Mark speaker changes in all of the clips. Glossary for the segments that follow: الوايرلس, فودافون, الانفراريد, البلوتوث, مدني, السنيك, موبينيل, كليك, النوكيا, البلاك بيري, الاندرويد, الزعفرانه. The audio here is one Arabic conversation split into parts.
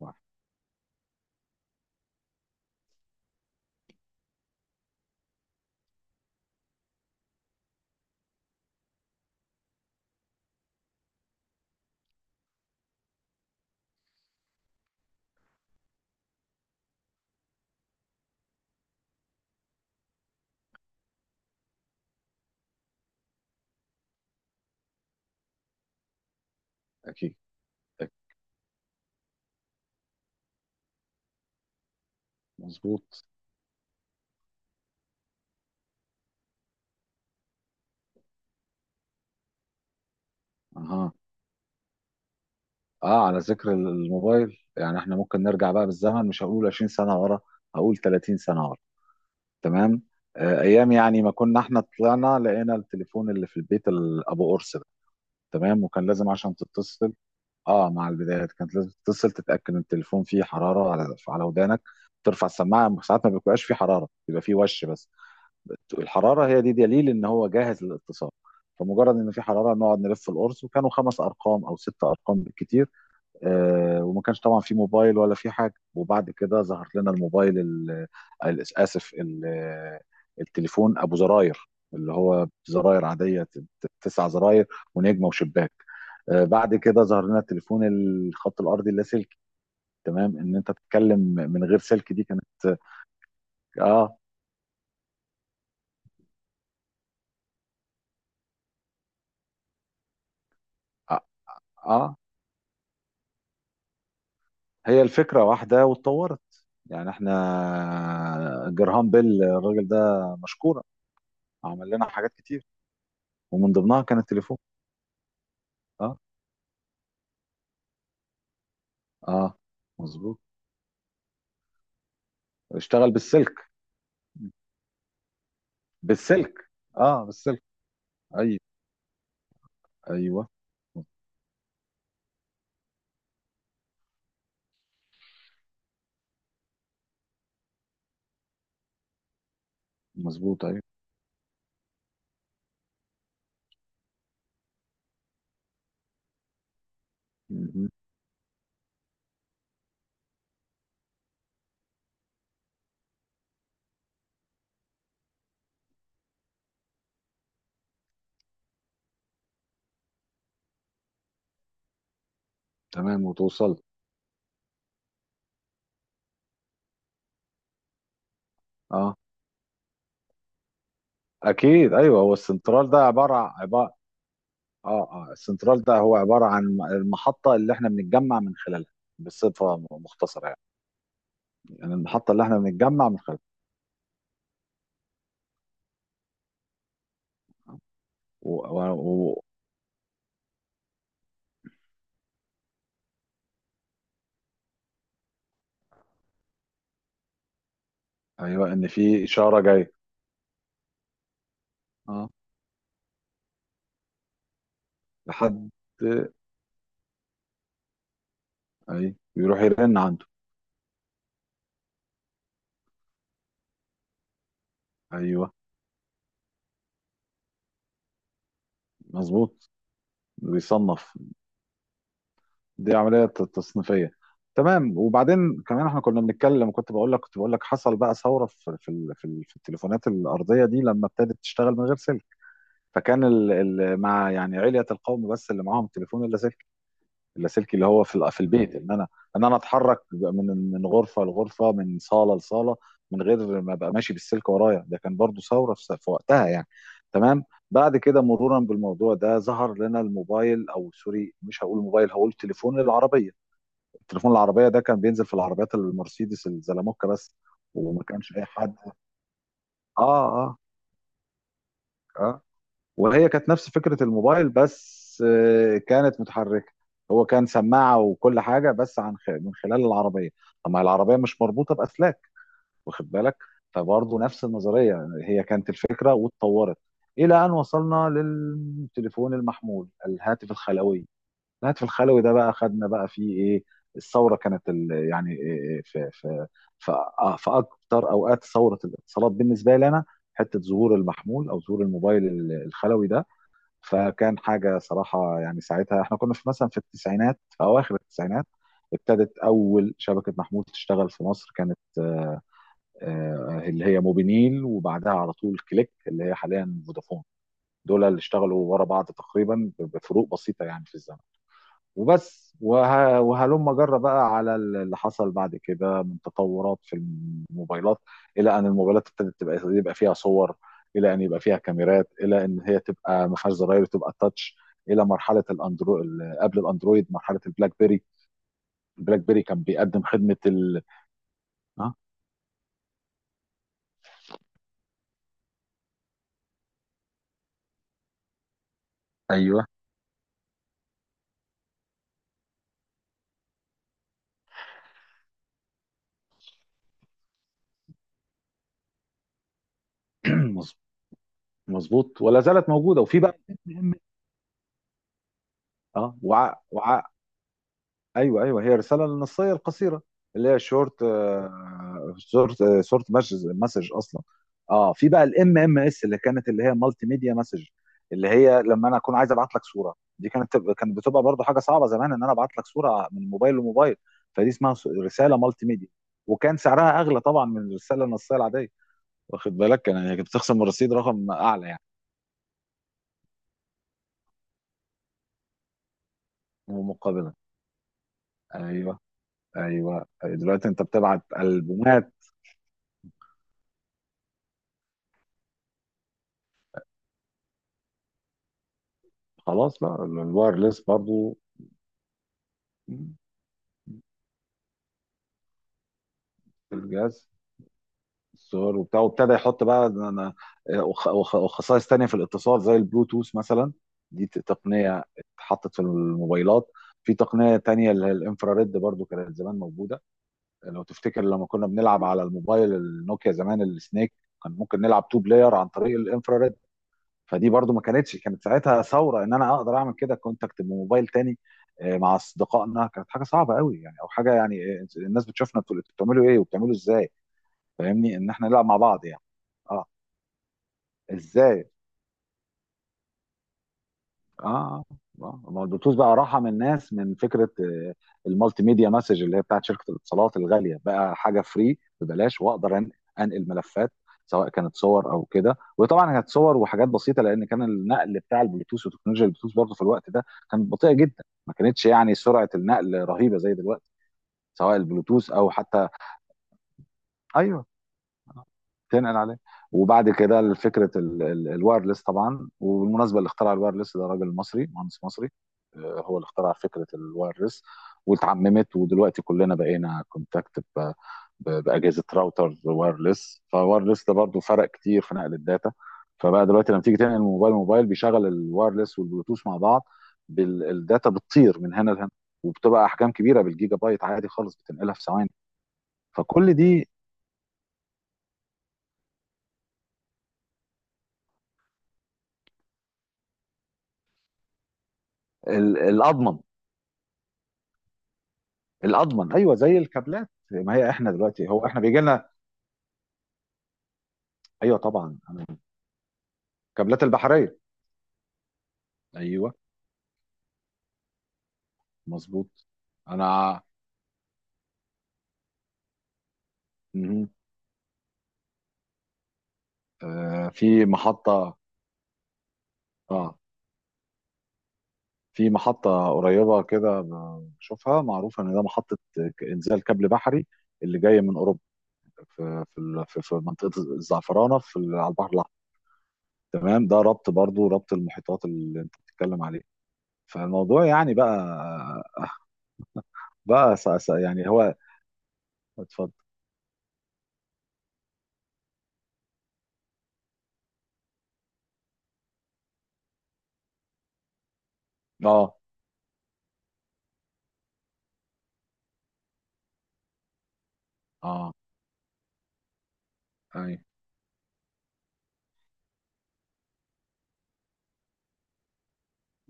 Speaker 1: واحد. اكيد. أكيد. مظبوط. اها. اه، على ذكر الموبايل يعني احنا ممكن نرجع بقى بالزمن، مش هقول 20 سنه ورا، هقول 30 سنه ورا. تمام. آه، ايام يعني ما كنا احنا طلعنا لقينا التليفون اللي في البيت، ابو قرص ده. تمام، وكان لازم عشان تتصل. اه، مع البدايات كانت لازم تتصل تتاكد ان التليفون فيه حراره على ودانك. ترفع السماعه ساعات ما بيبقاش فيه حراره، بيبقى فيه وش بس. الحراره هي دي دليل ان هو جاهز للاتصال. فمجرد ان في حراره نقعد نلف القرص، وكانوا 5 ارقام او 6 ارقام بالكتير. وما كانش طبعا في موبايل ولا في حاجه. وبعد كده ظهر لنا الموبايل اسف، التليفون ابو زراير، اللي هو زراير عاديه، 9 زراير ونجمه وشباك. بعد كده ظهر لنا التليفون، الخط الارضي اللاسلكي. تمام، ان انت تتكلم من غير سلك، دي كانت. اه. اه, آه، هي الفكرة واحدة واتطورت. يعني احنا جرهام بيل الراجل ده، مشكورة، عمل لنا حاجات كتير، ومن ضمنها كان التليفون. اه. اه. مظبوط. اشتغل بالسلك. بالسلك، اه بالسلك. ايوه. ايوه. مظبوط. ايوه. مهم. تمام وتوصل. اه. اكيد، ايوه، هو السنترال ده عبارة عبارة. اه. اه السنترال ده هو عبارة عن المحطة اللي احنا بنتجمع من خلالها، بصفة مختصرة يعني. يعني المحطة اللي احنا بنتجمع من خلالها. و... و... و... ايوه، ان في اشاره جايه. اه، لحد، اي بيروح يرن عنده. ايوه، مظبوط. بيصنف، دي عمليه تصنيفيه. تمام، وبعدين كمان احنا كنا بنتكلم، كنت بقول لك حصل بقى ثوره في التليفونات الارضيه دي لما ابتدت تشتغل من غير سلك. فكان مع يعني علية القوم بس اللي معاهم تليفون اللاسلكي. اللاسلكي اللي هو في البيت، ان انا ان انا اتحرك من غرفه لغرفه، من صاله لصاله، من غير ما ابقى ماشي بالسلك ورايا. ده كان برضو ثوره في وقتها يعني. تمام. بعد كده مرورا بالموضوع ده ظهر لنا الموبايل، او سوري، مش هقول موبايل، هقول تليفون العربيه. التليفون العربيه ده كان بينزل في العربيات المرسيدس الزلموكه بس. وما كانش اي حد. اه. اه. اه. وهي كانت نفس فكرة الموبايل بس، كانت متحركة. هو كان سماعة وكل حاجة بس من خلال العربية. طب ما العربية مش مربوطة بأسلاك، واخد بالك. فبرضه نفس النظرية، هي كانت الفكرة واتطورت إلى أن وصلنا للتليفون المحمول، الهاتف الخلوي. الهاتف الخلوي ده بقى خدنا بقى فيه إيه. الثورة كانت يعني إيه، في في أكتر أوقات ثورة الاتصالات بالنسبة لي أنا، حتة ظهور المحمول أو ظهور الموبايل الخلوي ده. فكان حاجة صراحة، يعني ساعتها احنا كنا في مثلا في أواخر التسعينات. ابتدت أول شبكة محمول تشتغل في مصر، كانت اللي هي موبينيل، وبعدها على طول كليك اللي هي حاليا فودافون. دول اللي اشتغلوا ورا بعض تقريبا بفروق بسيطة يعني في الزمن. وبس، وهلم جرى بقى على اللي حصل بعد كده من تطورات في الموبايلات، الى ان الموبايلات ابتدت تبقى يبقى فيها صور، الى ان يبقى فيها كاميرات، الى ان هي تبقى ما فيهاش زراير وتبقى تاتش، الى مرحله قبل الاندرويد مرحله البلاك بيري. البلاك بيري كان بيقدم خدمه ال. اه. ايوه. مظ- مظبوط ولا زالت موجوده وفي بقى. اه. ايوه، ايوه، هي الرساله النصيه القصيره اللي هي شورت. شورت مسج اصلا. اه، في بقى الام ام اس اللي كانت، اللي هي مالتي ميديا مسج، اللي هي لما انا اكون عايز ابعت لك صوره. دي كانت بتبقى برضه حاجه صعبه زمان، ان انا ابعت لك صوره من موبايل لموبايل. فدي اسمها رساله مالتي ميديا. وكان سعرها اغلى طبعا من الرساله النصيه العاديه، واخد بالك. كان يعني كنت بتخصم من الرصيد رقم اعلى يعني. ومقابله. ايوه. ايوه، دلوقتي انت بتبعت البومات. خلاص لا، الوايرلس برضو. في الجهاز. الصور وبتاع، وابتدى يحط بقى انا وخصائص تانية في الاتصال زي البلوتوث مثلا. دي تقنية اتحطت في الموبايلات. في تقنية تانية اللي هي الانفراريد، برضو كانت زمان موجودة. لو تفتكر لما كنا بنلعب على الموبايل النوكيا زمان السنيك، كان ممكن نلعب تو بلاير عن طريق الانفراريد. فدي برضو ما كانتش، كانت ساعتها ثورة، ان انا اقدر اعمل كده كونتاكت بموبايل تاني. مع اصدقائنا كانت حاجة صعبة قوي يعني، او حاجة يعني. الناس بتشوفنا بتقول انتوا بتعملوا ايه وبتعملوا ازاي. فاهمني، ان احنا نلعب مع بعض يعني. اه. ازاي. اه. آه. آه. ما هو البلوتوث بقى راحه من الناس، من فكره المالتي ميديا مسج اللي هي بتاعت شركه الاتصالات الغاليه، بقى حاجه فري ببلاش، واقدر انقل ملفات، سواء كانت صور او كده. وطبعا كانت صور وحاجات بسيطه، لان كان النقل بتاع البلوتوث وتكنولوجيا البلوتوث برضه في الوقت ده كانت بطيئه جدا، ما كانتش يعني سرعه النقل رهيبه زي دلوقتي. سواء البلوتوث او حتى. ايوه. تنقل عليه. وبعد كده فكره الوايرلس طبعا. وبالمناسبه، اللي اخترع الوايرلس ده راجل مصري، مهندس مصري، هو اللي اخترع فكره الوايرلس واتعممت. ودلوقتي كلنا بقينا كونتاكت باجهزه راوتر وايرلس. فالوايرلس ده برضو فرق كتير في نقل الداتا. فبقى دلوقتي لما تيجي تنقل موبايل بيشغل الوايرلس والبلوتوث مع بعض، الداتا بتطير من هنا لهنا، وبتبقى احجام كبيره بالجيجا بايت عادي خالص، بتنقلها في ثواني. فكل دي الاضمن. الاضمن، ايوه، زي الكابلات. ما هي احنا دلوقتي، هو احنا بيجي لنا. ايوه طبعا. الكابلات البحريه. ايوه، مظبوط. انا. مهم. آه، في محطه. اه، في محطه قريبه كده، بشوفها، معروفه ان ده محطه انزال كابل بحري، اللي جاي من اوروبا، في في منطقه الزعفرانه على البحر الاحمر. تمام، ده ربط برضو ربط المحيطات اللي انت بتتكلم عليه. فالموضوع يعني بقى، بقى يعني هو. اتفضل. اه. اه. ايوه.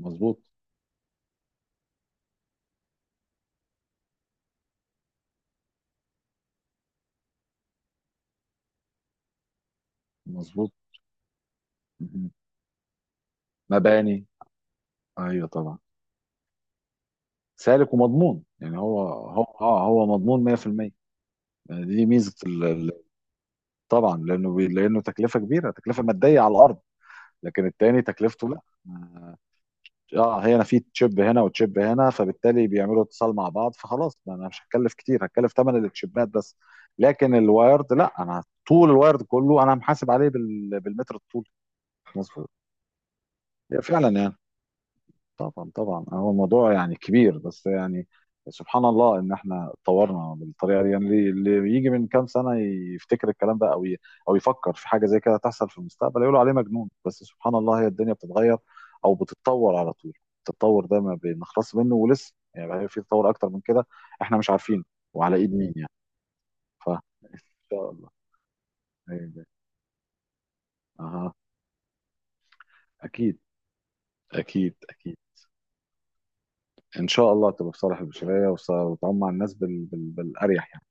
Speaker 1: مظبوط. مظبوط. مهم. مباني. ايوه طبعا. سالك ومضمون، يعني هو، اه، هو مضمون 100%. يعني دي ميزه طبعا، لانه تكلفه كبيره، تكلفه ماديه على الارض. لكن التاني تكلفته لا. اه، هي انا في تشيب هنا وتشيب هنا، فبالتالي بيعملوا اتصال مع بعض، فخلاص ما انا مش هتكلف كتير، هتكلف ثمن التشيبات بس. لكن الوايرد لا، انا طول الوايرد كله انا محاسب عليه بالمتر الطول. مظبوط. فعلا يعني. طبعا طبعا، هو الموضوع يعني كبير بس يعني. سبحان الله ان احنا اتطورنا بالطريقه دي. يعني اللي يجي من كام سنه يفتكر الكلام ده، او يفكر في حاجه زي كده تحصل في المستقبل، يقولوا عليه مجنون. بس سبحان الله، هي الدنيا بتتغير او بتتطور على طول. التطور ده ما بنخلص منه، ولسه يعني، هي في تطور اكتر من كده احنا مش عارفينه، وعلى ايد مين يعني. ف ان شاء الله. أيوة. اها. اكيد. اكيد. اكيد ان شاء الله تبقى في صالح البشريه، وتعم على الناس بالاريح يعني.